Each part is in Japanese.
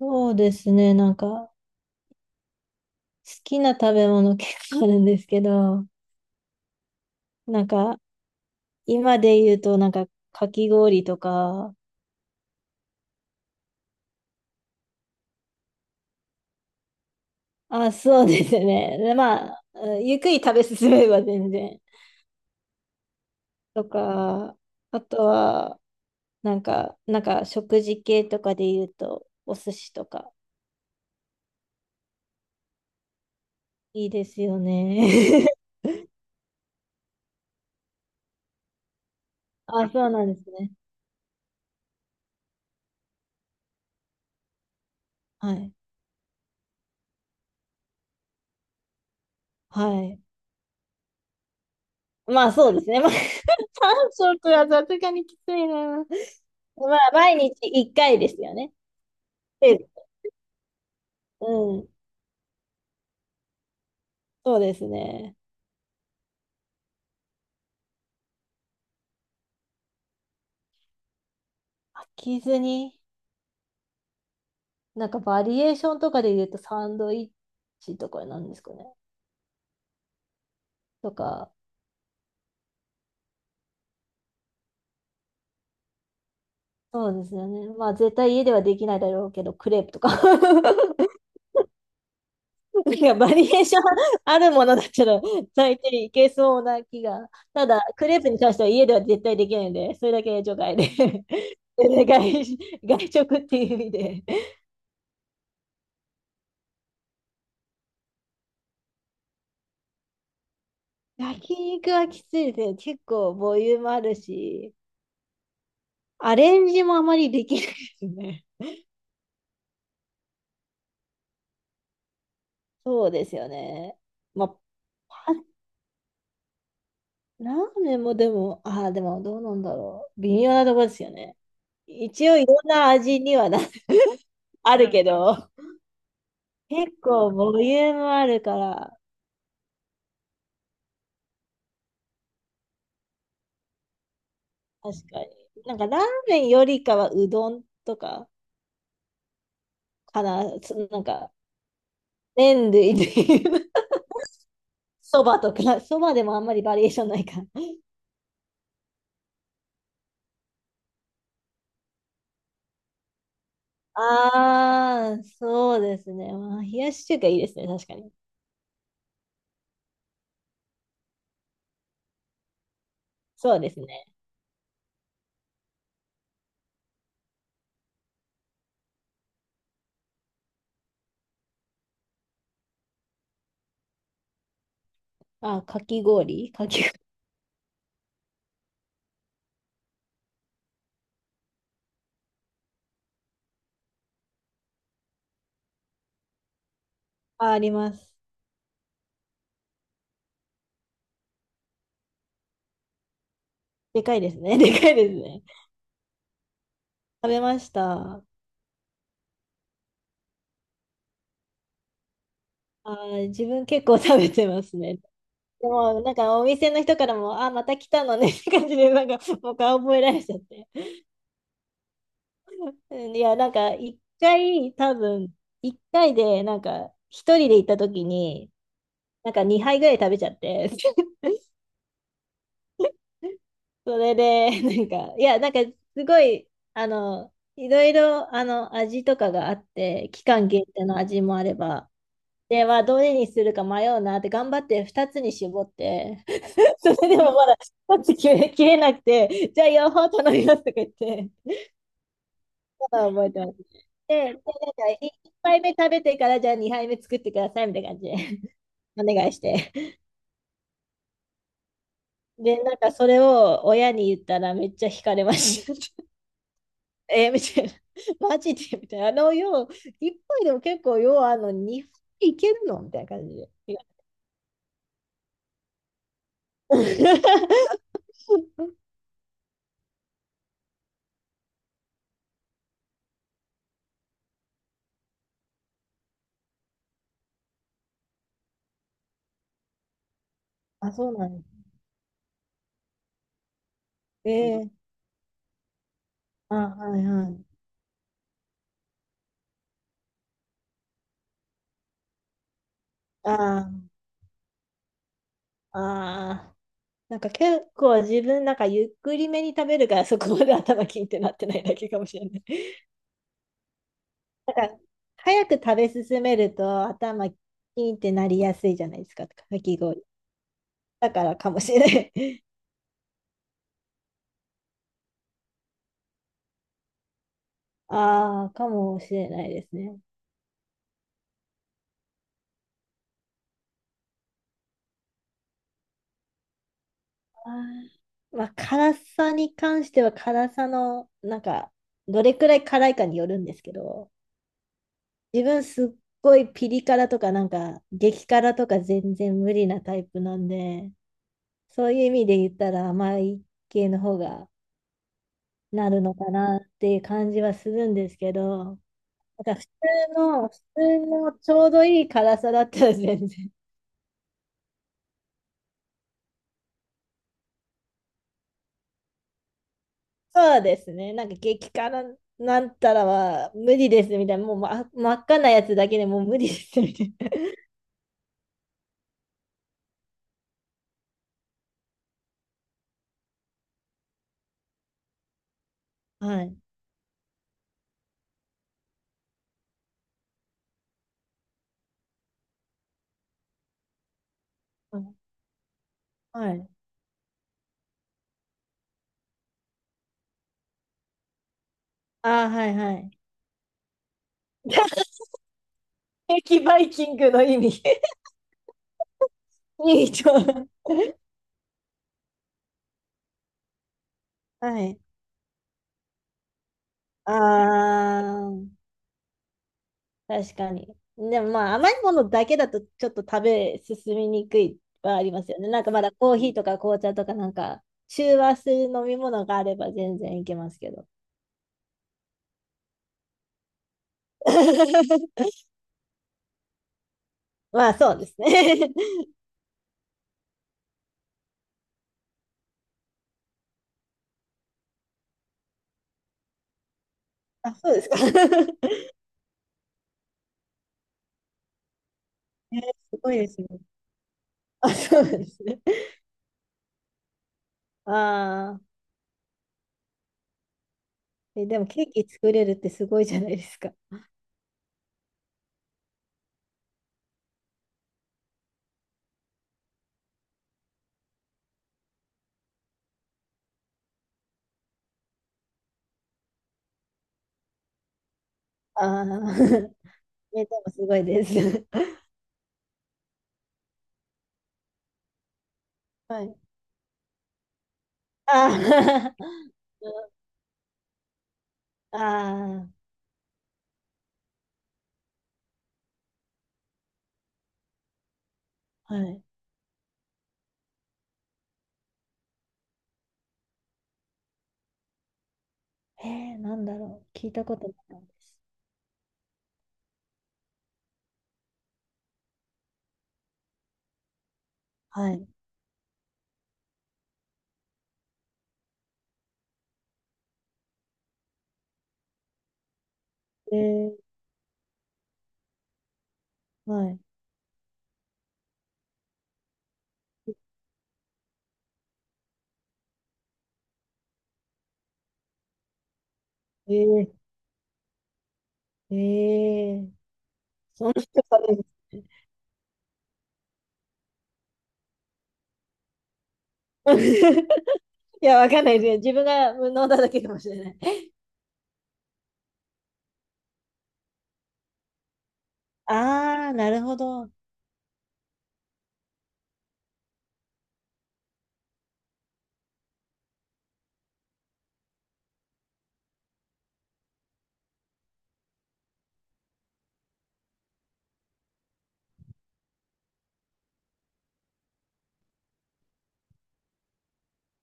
そうですね。好きな食べ物 結構あるんですけど、なんか、今で言うと、かき氷とか、あ、そうですね。でゆっくり食べ進めば全然。とか、あとは、食事系とかで言うと、お寿司とか、いいですよね。あ、そうなんですね。はい。はい。まあ、そうですね。まあ 3食はさすがにきついな。まあ、毎日1回ですよね。程うん。そうですね。飽きずに、なんかバリエーションとかで言うとサンドイッチとかなんですかね。とか、そうですよね。まあ、絶対家ではできないだろうけど、クレープとか。なんかバリエーションあるものだったら、大体いけそうな気が。ただ、クレープに関しては家では絶対できないんで、それだけ除外で。で外、外食っていう意味で。焼肉はきついですね。結構ボリュームあるし、アレンジもあまりできないですね。そうですよね。まあ、パラーメンもでも、ああ、でもどうなんだろう。微妙なとこですよね。一応いろんな味にはな、あるけど、結構ボリュームあるから、確かに。なんかラーメンよりかはうどんとかかな、つなんか麺類でいう、そばとか、そばでもあんまりバリエーションないから。ああ、そうですね。まあ、冷やし中華いいですね、確かに。そうですね。あ、かき氷かき氷。あ、あります。でかいですね。でかいですね。食べました。あー、自分結構食べてますね。でも、なんかお店の人からも、あ、また来たのねって感じで、なんかもう顔覚えられちゃって。うん、いや、なんか一回、多分、一回で、なんか一人で行った時に、なんか2杯ぐらい食べちゃって。それで、なんか、いや、なんか、すごい、あの、いろいろ、あの、味とかがあって、期間限定の味もあれば、で、はどれにするか迷うなって、頑張って2つに絞って、それでもまだ1つ切れ、切れなくて、じゃあ両方頼みますとか言って、まだ覚えてます。で、で1杯目食べてから、じゃあ2杯目作ってくださいみたいな感じで、お願いして。で、なんか、それを親に言ったら、めっちゃ惹かれました。えーみたいな。マジでみたいな。あの、よう、一杯でも結構、よう、あの、二杯いけるのみたいな感じで。いや あ、そうなんですね。あ、はいはい。ああ、ああ。なんか結構自分、なんかゆっくりめに食べるから、そこまで頭キンってなってないだけかもしれない。なんか、早く食べ進めると頭キンってなりやすいじゃないですか、かき氷。だからかもしれない。ああ、かもしれないですね。あーまあ、辛さに関しては辛さの、なんか、どれくらい辛いかによるんですけど、自分すっごいピリ辛とか、なんか、激辛とか全然無理なタイプなんで、そういう意味で言ったら甘い系の方がなるのかなっていう感じはするんですけど、なんか普通の、普通のちょうどいい辛さだったら全然、そうですね。なんか激辛なんたらは無理ですみたいな。もう、ま、真っ赤なやつだけでもう無理ですみたいな。はい。はい。ああ、はいはい。激バイキングの意味いい と。はい。ああ、確かに。でもまあ甘いものだけだとちょっと食べ進みにくいはありますよね。なんかまだコーヒーとか紅茶とかなんか中和する飲み物があれば全然いけますけど。まあそうですね。あ、そうですか。えーすごいですね。あ、そうなんですね。ああ、え、でもケーキ作れるってすごいじゃないですか。ああ、え、でもすごいです。はい。ああ、ああ、はい。えー、なんだろう。聞いたことなかったです。はい。えー、はい。えー、えー、そんなことあるんですね。いや、わかんないですよ。自分が飲んだだけかもしれない。ああ、なるほど。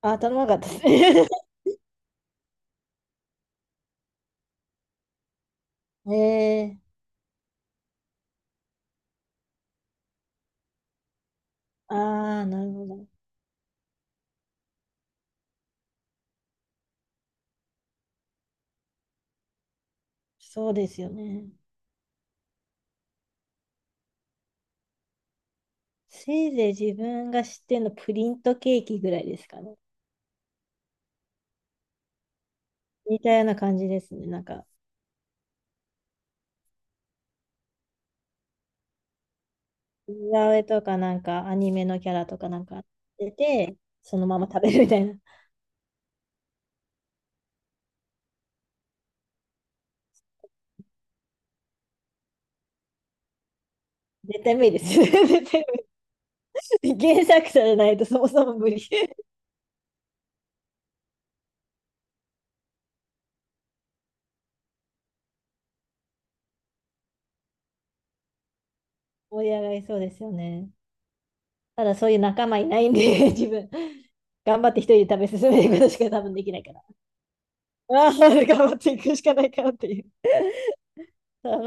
あ、頼まなかったですね。ええ、ああー、なるほど。そうですよね。せいぜい自分が知ってるのプリントケーキぐらいですかね。似たような感じですね。なんか、似顔絵とかなんかアニメのキャラとかなんか出て、そのまま食べるみたいな。絶対無理ですよね。絶対無理、原作者じゃないとそもそも無理。盛り上がりそうですよね。ただそういう仲間いないんで、自分。頑張って一人で食べ進めていくことしか多分できないから。ああ、頑張っていくしかないかなっていう。ただもう